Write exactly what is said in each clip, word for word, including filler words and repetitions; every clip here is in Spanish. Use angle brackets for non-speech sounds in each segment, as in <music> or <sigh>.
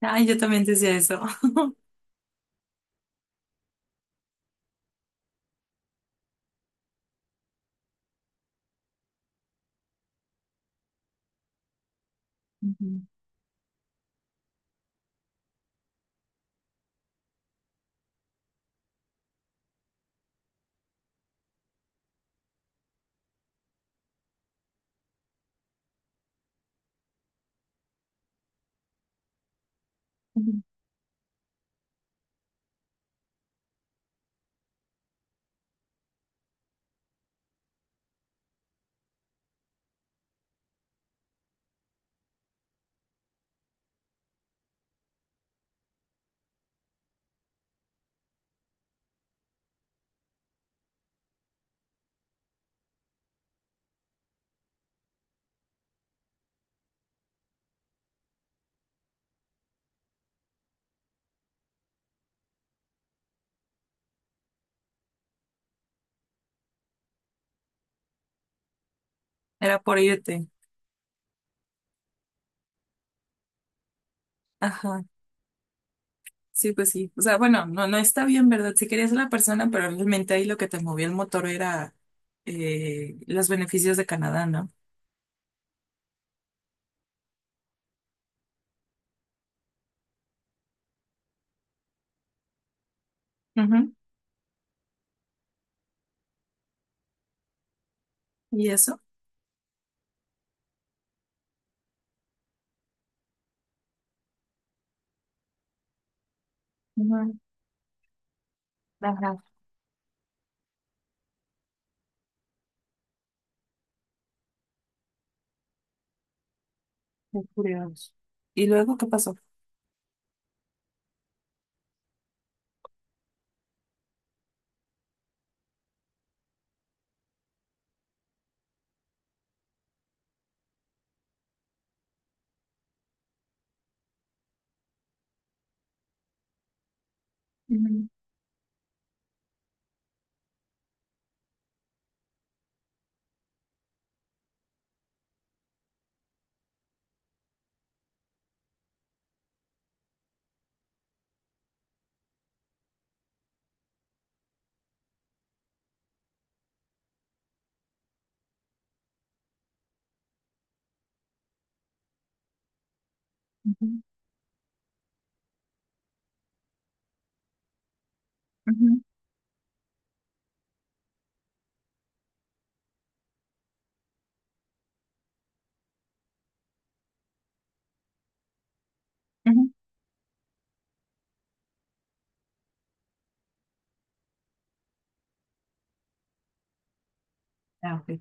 Ay, yo también decía eso. <laughs> Ujú, ujú. Era por irte. Ajá. Sí, pues sí. O sea, bueno, no, no está bien, ¿verdad? Si querías a la persona, pero realmente ahí lo que te movía el motor era eh, los beneficios de Canadá, ¿no? Ujú. ¿Y eso? Ujú. Ajá, qué curioso. ¿Y luego qué pasó? Ujú, ujú, ujú, ujú. Ah, ok.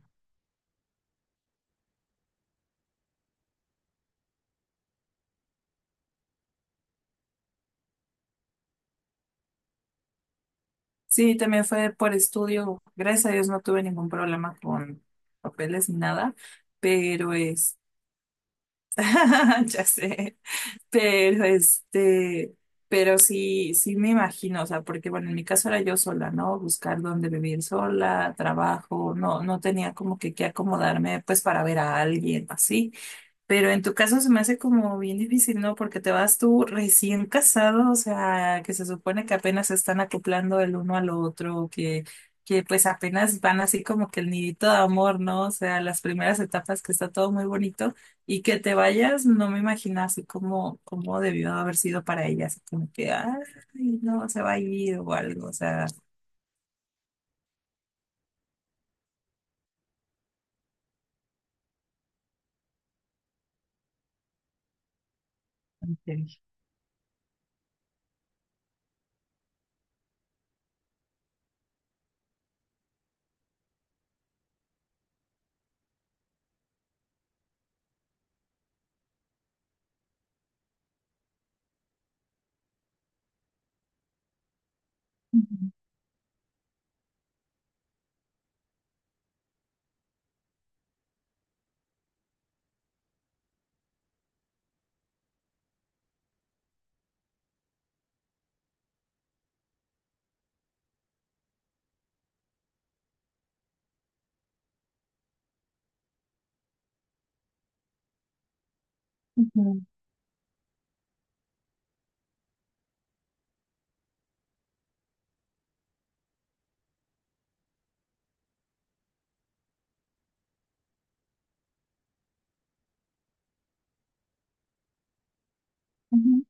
Sí, también fue por estudio. Gracias a Dios no tuve ningún problema con papeles ni nada, pero es, <laughs> ya sé. Pero este, pero sí, sí me imagino, o sea, porque bueno, en mi caso era yo sola, ¿no? Buscar dónde vivir sola, trabajo, no, no tenía como que que acomodarme pues para ver a alguien así. Pero en tu caso se me hace como bien difícil, ¿no? Porque te vas tú recién casado, o sea, que se supone que apenas se están acoplando el uno al otro, que, que pues apenas van así como que el nidito de amor, ¿no? O sea, las primeras etapas que está todo muy bonito y que te vayas, no me imagino así como, como debió haber sido para ella, así como que, ay, no, se va a ir o algo, o sea. Ok. Ujú, ujú, ujú.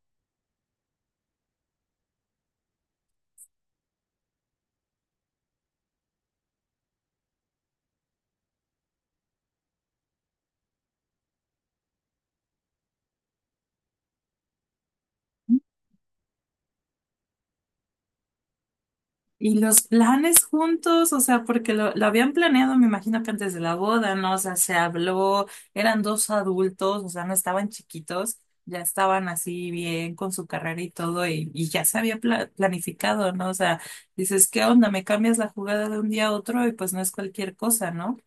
Y los planes juntos, o sea, porque lo, lo habían planeado, me imagino que antes de la boda, ¿no? O sea, se habló, eran dos adultos, o sea, no estaban chiquitos, ya estaban así bien con su carrera y todo, y, y ya se había pla- planificado, ¿no? O sea, dices, ¿qué onda? Me cambias la jugada de un día a otro y pues no es cualquier cosa, ¿no?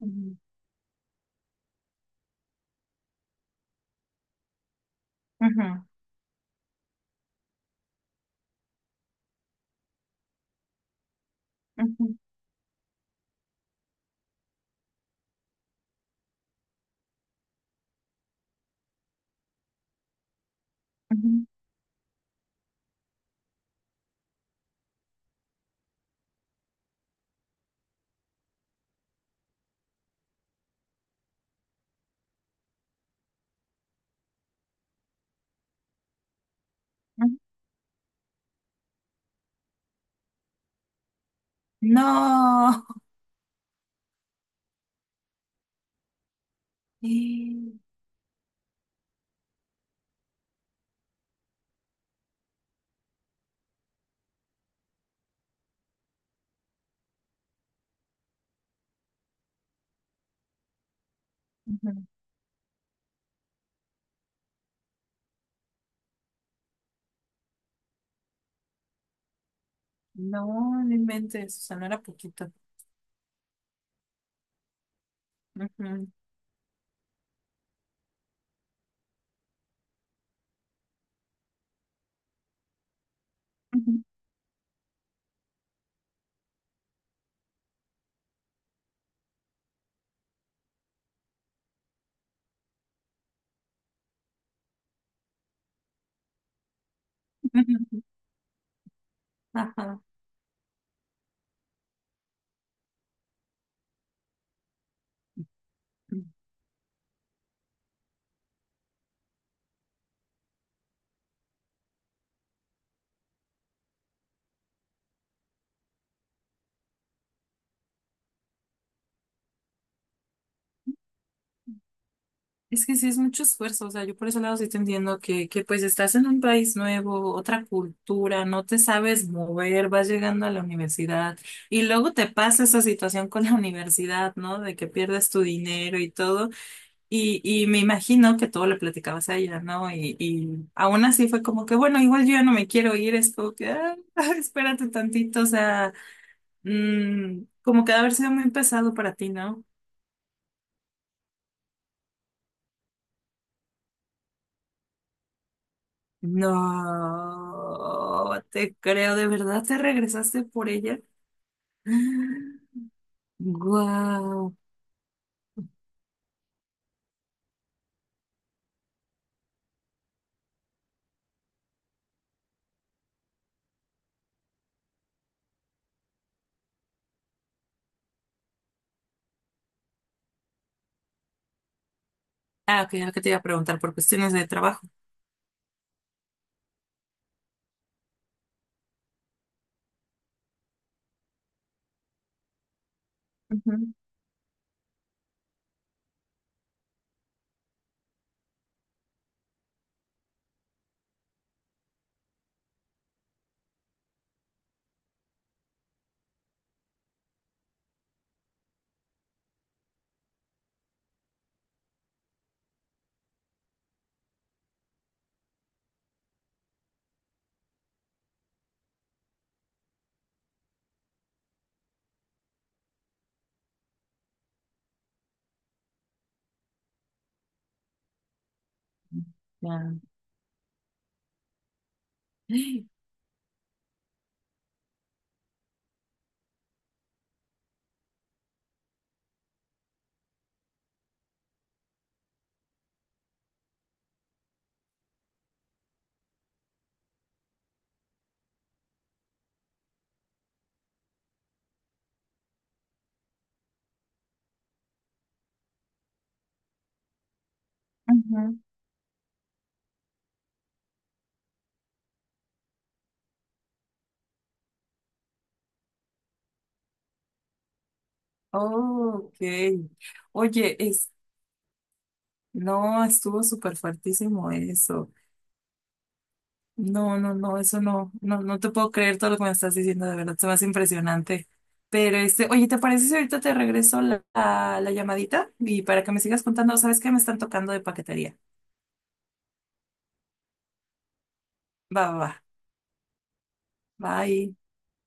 Ujú, ujú, ujú, ujú, ujú. No. Sí, ujú. No, no inventes, o sea, no era poquito. Ujú, ujú, ujú. Ajá. Es que sí es mucho esfuerzo, o sea, yo por ese lado sí te entiendo que, que pues estás en un país nuevo, otra cultura, no te sabes mover, vas llegando a la universidad y luego te pasa esa situación con la <laughs> universidad, ¿no? De que pierdes tu dinero y todo. Y, y me imagino que todo lo platicabas a ella, ¿no? Y, y aún así fue como que, bueno, igual yo ya no me quiero ir, es como que, ah, <laughs> espérate tantito, o sea, mm, como que ha de haber sido muy pesado para ti, ¿no? No, te creo, ¿de verdad te regresaste por ella? Wow. Ah, ok, ahora que te iba a preguntar por cuestiones de trabajo. Ujú. Ya. Ujú. Oh, ok. Oye, es, no, estuvo súper fuertísimo eso. No, no, no, eso no, no, no te puedo creer todo lo que me estás diciendo, de verdad, se me hace impresionante. Pero este, oye, ¿te parece si ahorita te regreso la, la, la llamadita? Y para que me sigas contando, ¿sabes qué? Me están tocando de paquetería. Va, va, va. Bye.